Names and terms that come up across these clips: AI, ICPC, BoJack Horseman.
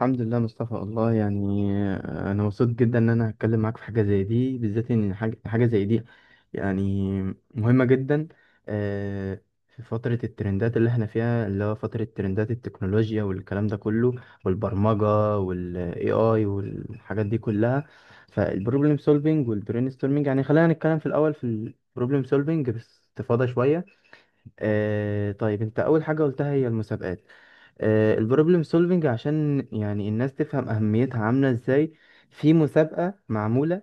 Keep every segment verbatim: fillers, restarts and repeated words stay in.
الحمد لله مصطفى والله يعني آه، انا مبسوط جدا ان انا هتكلم معاك في حاجه زي دي، بالذات ان حاجه حاجة زي دي يعني مهمه جدا. آه، في فتره الترندات اللي احنا فيها، اللي هو فتره ترندات التكنولوجيا والكلام ده كله والبرمجه والاي اي والحاجات دي كلها. فالبروبلم سولفينج والبرين ستورمينج، يعني خلينا نتكلم في الاول في البروبلم سولفينج باستفاضه شويه. آه، طيب انت اول حاجه قلتها هي المسابقات. البروبلم سولفنج عشان يعني الناس تفهم أهميتها عاملة ازاي، في مسابقة معمولة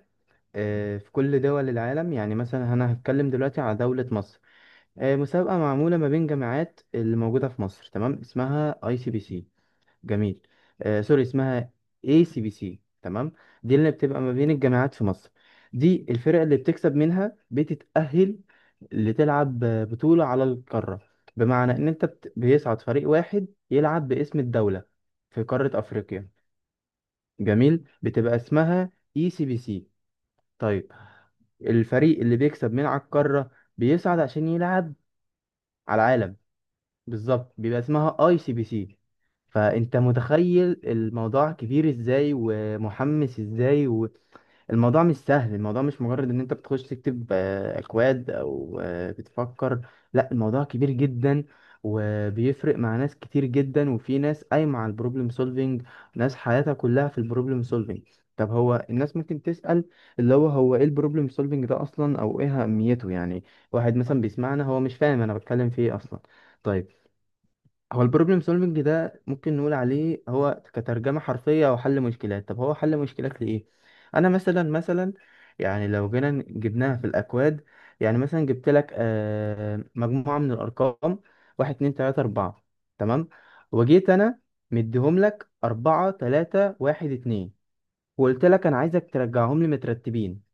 آه، في كل دول العالم. يعني مثلا أنا هتكلم دلوقتي على دولة مصر، آه، مسابقة معمولة ما بين جامعات اللي موجودة في مصر، تمام، اسمها اي سي بي سي. جميل. آه سوري، اسمها اي سي بي سي، تمام. دي اللي بتبقى ما بين الجامعات في مصر، دي الفرق اللي بتكسب منها بتتأهل لتلعب آه، بطولة على القارة. بمعنى ان انت بت... بيصعد فريق واحد يلعب باسم الدولة في قارة افريقيا. جميل، بتبقى اسمها اي سي بي سي. طيب، الفريق اللي بيكسب من على القارة بيصعد عشان يلعب على العالم. بالظبط، بيبقى اسمها اي سي بي سي. فانت متخيل الموضوع كبير ازاي ومحمس ازاي. والموضوع مش سهل، الموضوع مش مجرد ان انت بتخش تكتب آه، اكواد او آه، بتفكر، لا الموضوع كبير جدا، وبيفرق مع ناس كتير جدا، وفي ناس قايمة على البروبلم سولفينج، ناس حياتها كلها في البروبلم سولفينج. طب هو الناس ممكن تسأل، اللي هو هو ايه البروبلم سولفينج ده اصلا، او ايه اهميته يعني؟ واحد مثلا بيسمعنا هو مش فاهم انا بتكلم في ايه اصلا. طيب، هو البروبلم سولفنج ده ممكن نقول عليه هو كترجمة حرفية أو حل مشكلات. طب هو حل مشكلات لإيه؟ أنا مثلا مثلا، يعني لو جينا جبناها في الأكواد، يعني مثلا جبت لك آه، مجموعة من الأرقام: واحد اتنين تلاتة أربعة، تمام؟ وجيت أنا مديهم لك أربعة تلاتة واحد اتنين، وقلت لك أنا عايزك ترجعهم لي مترتبين.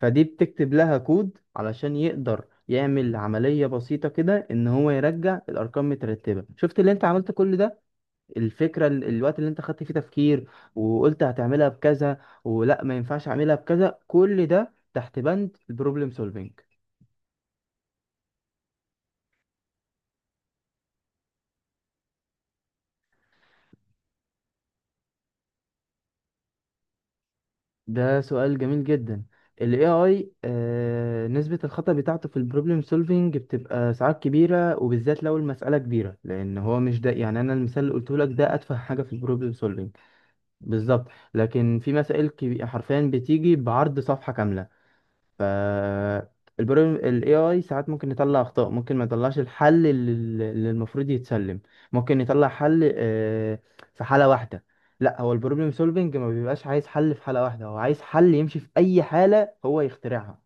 فدي بتكتب لها كود علشان يقدر يعمل عملية بسيطة كده، ان هو يرجع الارقام مترتبة. شفت اللي انت عملت كل ده؟ الفكرة ال- الوقت اللي انت خدت فيه تفكير، وقلت هتعملها بكذا ولا ما ينفعش اعملها بكذا، كل ده تحت بند البروبلم سولفينج. ده سؤال جميل جدا. ال إيه آي آه، نسبة الخطأ بتاعته في البروبلم سولفينج بتبقى ساعات كبيرة، وبالذات لو المسألة كبيرة، لأن هو مش ده. يعني أنا المثال اللي قلته لك ده أتفه حاجة في البروبلم solving، بالظبط. لكن في مسائل كبي- حرفيا بتيجي بعرض صفحة كاملة. ف البروبلم ال إيه آي ساعات ممكن يطلع أخطاء، ممكن ما يطلعش الحل اللي اللي المفروض يتسلم، ممكن يطلع حل آه، في حالة واحدة. لا، هو البروبلم سولفنج ما بيبقاش عايز حل في حالة واحدة، هو عايز حل يمشي في أي حالة هو يخترعها،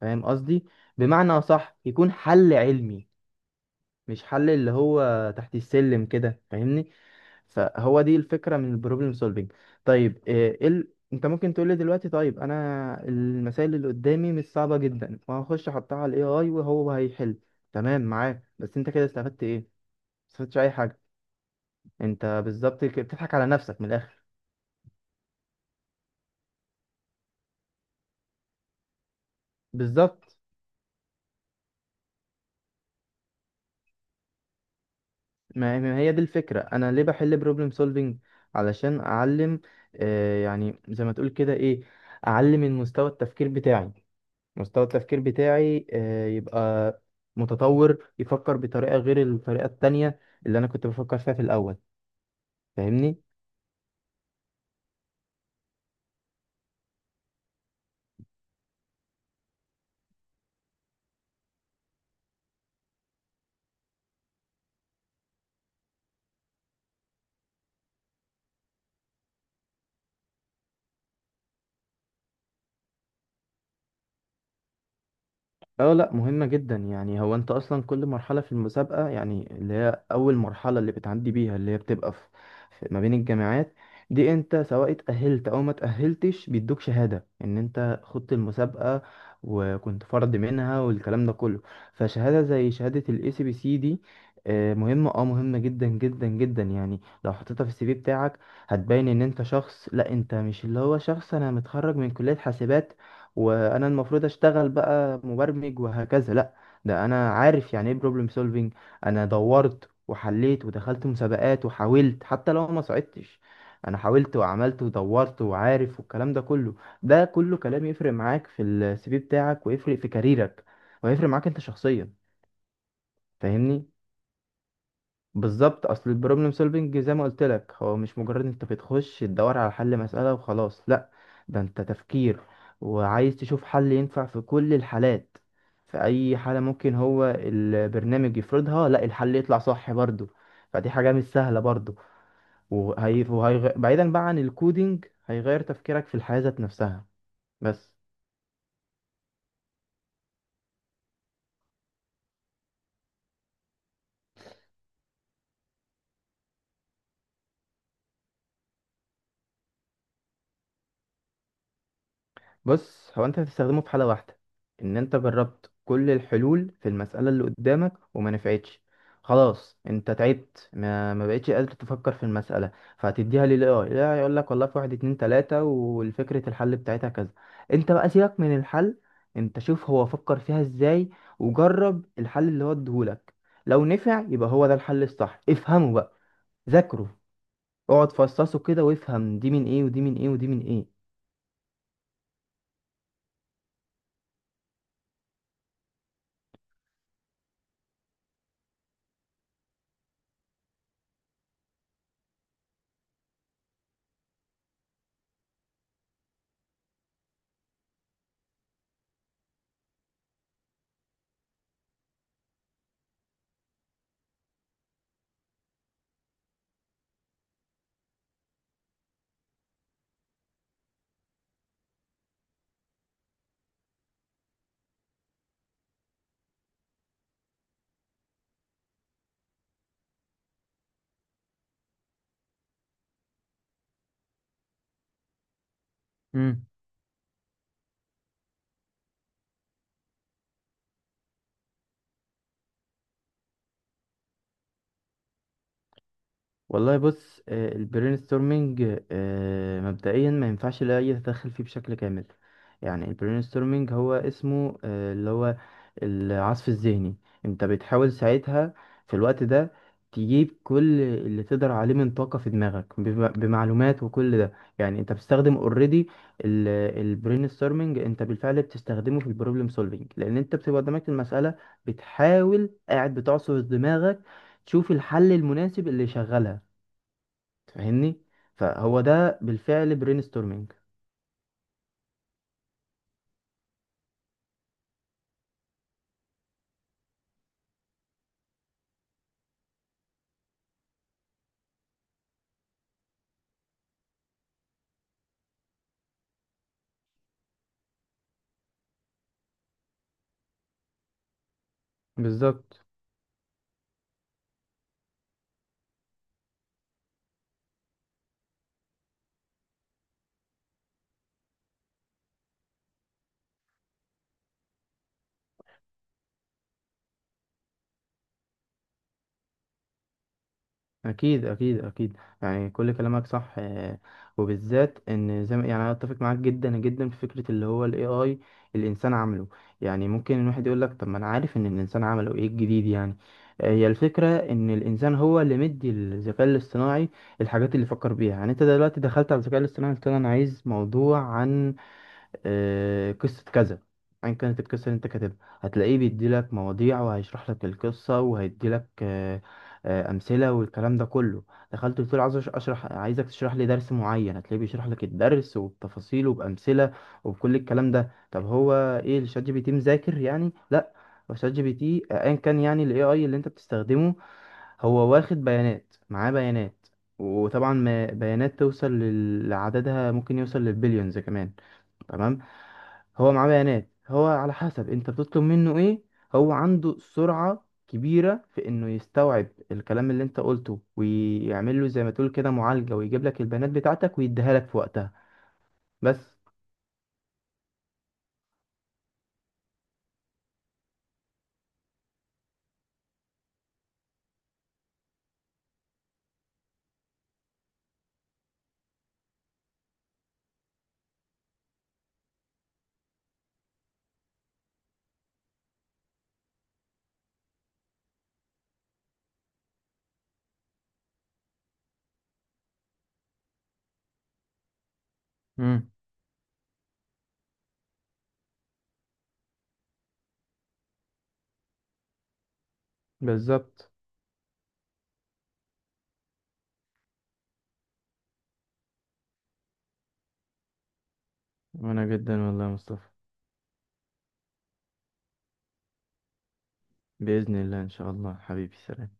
فاهم قصدي؟ بمعنى صح يكون حل علمي، مش حل اللي هو تحت السلم كده، فاهمني؟ فهو دي الفكرة من البروبلم سولفينج. طيب آه، إيه ال... انت ممكن تقول لي دلوقتي، طيب انا المسائل اللي قدامي مش صعبة جدا، وهخش احطها على الاي اي وهو هيحل، تمام معاك. بس انت كده استفدت ايه؟ ما استفدتش اي حاجة. انت بالظبط كده بتضحك على نفسك من الاخر. بالظبط، ما ما هي دي الفكرة، انا ليه بحل بروبلم سولفينج؟ علشان اعلم. آه يعني زي ما تقول كده ايه، اعلم من مستوى التفكير بتاعي. مستوى التفكير بتاعي آه، يبقى متطور، يفكر بطريقة غير الطريقة التانية اللي أنا كنت بفكر فيها في الأول، فاهمني؟ اه لا، مهمة جدا. يعني هو انت اصلا كل مرحلة في المسابقة، يعني اللي هي اول مرحلة اللي بتعدي بيها، اللي هي بتبقى في في- ما بين الجامعات، دي انت سواء اتأهلت او ما اتأهلتش بيدوك شهادة ان انت خدت المسابقة وكنت فرد منها والكلام ده كله. فشهادة زي شهادة الاي سي بي سي دي آه، مهمة، اه مهمة جدا جدا جدا. يعني لو حطيتها في السي في بتاعك، هتبين ان انت شخص، لا انت مش اللي هو شخص انا متخرج من كلية حاسبات وانا المفروض اشتغل بقى مبرمج وهكذا، لا، ده انا عارف يعني ايه بروبلم سولفينج، انا دورت وحليت ودخلت مسابقات وحاولت، حتى لو ما صعدتش انا حاولت وعملت ودورت وعارف والكلام ده كله. ده كله كلام يفرق معاك في السي في بتاعك، ويفرق في كاريرك، ويفرق معاك انت شخصيا، فاهمني؟ بالظبط، اصل البروبلم سولفنج زي ما قلت لك هو مش مجرد انت بتخش تدور على حل مسألة وخلاص، لا، ده انت تفكير، وعايز تشوف حل ينفع في كل الحالات، في اي حالة ممكن هو البرنامج يفرضها لا الحل يطلع صح برضو. فدي حاجة مش سهلة برضو. وهي... وهي... بعيدا بقى عن الكودينج، هيغير تفكيرك في الحياة ذات نفسها. بس، بص، هو انت هتستخدمه في حالة واحدة: ان انت جربت كل الحلول في المسألة اللي قدامك وما نفعتش، خلاص انت تعبت، ما, ما بقتش قادر تفكر في المسألة، فهتديها للاي اي، لا يقول لك والله في واحد اتنين تلاتة، والفكرة الحل بتاعتها كذا. انت بقى سيبك من الحل، انت شوف هو فكر فيها ازاي، وجرب الحل اللي هو اديهولك، لو نفع يبقى هو ده الحل الصح، افهمه بقى، ذاكره، اقعد فصصه كده وافهم دي من ايه ودي من ايه ودي من ايه. مم. والله بص، آه، البرين ستورمنج مبدئيا ما ينفعش الاي يتدخل فيه بشكل كامل. يعني البرين ستورمنج هو اسمه آه، اللي هو العصف الذهني. انت بتحاول ساعتها، في الوقت ده، تجيب كل اللي تقدر عليه من طاقة في دماغك بم- بمعلومات وكل ده. يعني انت بتستخدم اوريدي البرين ستورمنج، انت بالفعل بتستخدمه في البروبلم سولفينج، لان انت بتبقى قدامك المسألة، بتحاول قاعد بتعصر دماغك تشوف الحل المناسب اللي يشغلها، فاهمني؟ فهو ده بالفعل برين ستورمينج، بالظبط. اكيد اكيد اكيد، يعني كل كلامك صح، آه، وبالذات ان زي ما يعني انا اتفق معاك جدا جدا في فكره اللي هو الاي اي الانسان عمله. يعني ممكن الواحد يقول لك طب ما انا عارف ان الانسان عمله ايه الجديد يعني؟ آه، هي الفكره ان الانسان هو اللي مدي الذكاء الاصطناعي الحاجات اللي فكر بيها. يعني انت دلوقتي دخلت على الذكاء الاصطناعي، قلت له انا عايز موضوع عن آه، قصة كذا، أيا كانت القصة اللي أنت كاتبها، هتلاقيه بيديلك مواضيع، وهيشرح لك القصة، وهيديلك آه، آه، أمثلة والكلام ده كله. دخلت قلت له عايز أش- أشرح، عايزك تشرح لي درس معين، هتلاقيه بيشرح لك الدرس وبتفاصيله وبأمثلة وبكل الكلام ده. طب هو إيه الشات جي بي تي مذاكر يعني؟ لأ، هو شات جي بي تي آه، أيا كان يعني ال إيه آي اللي أنت بتستخدمه، هو واخد بيانات، معاه بيانات، وطبعا ما- بيانات توصل لل- لعددها ممكن يوصل للبليونز كمان، تمام. هو معاه بيانات، هو على حسب انت بتطلب منه ايه، هو عنده سرعة كبيرة في انه يستوعب الكلام اللي انت قلته ويعمل له زي ما تقول كده معالجة، ويجيب لك البيانات بتاعتك ويديها لك في وقتها، بس. امم، بالظبط. وانا جدا والله يا مصطفى، بإذن الله ان شاء الله، حبيبي سلام.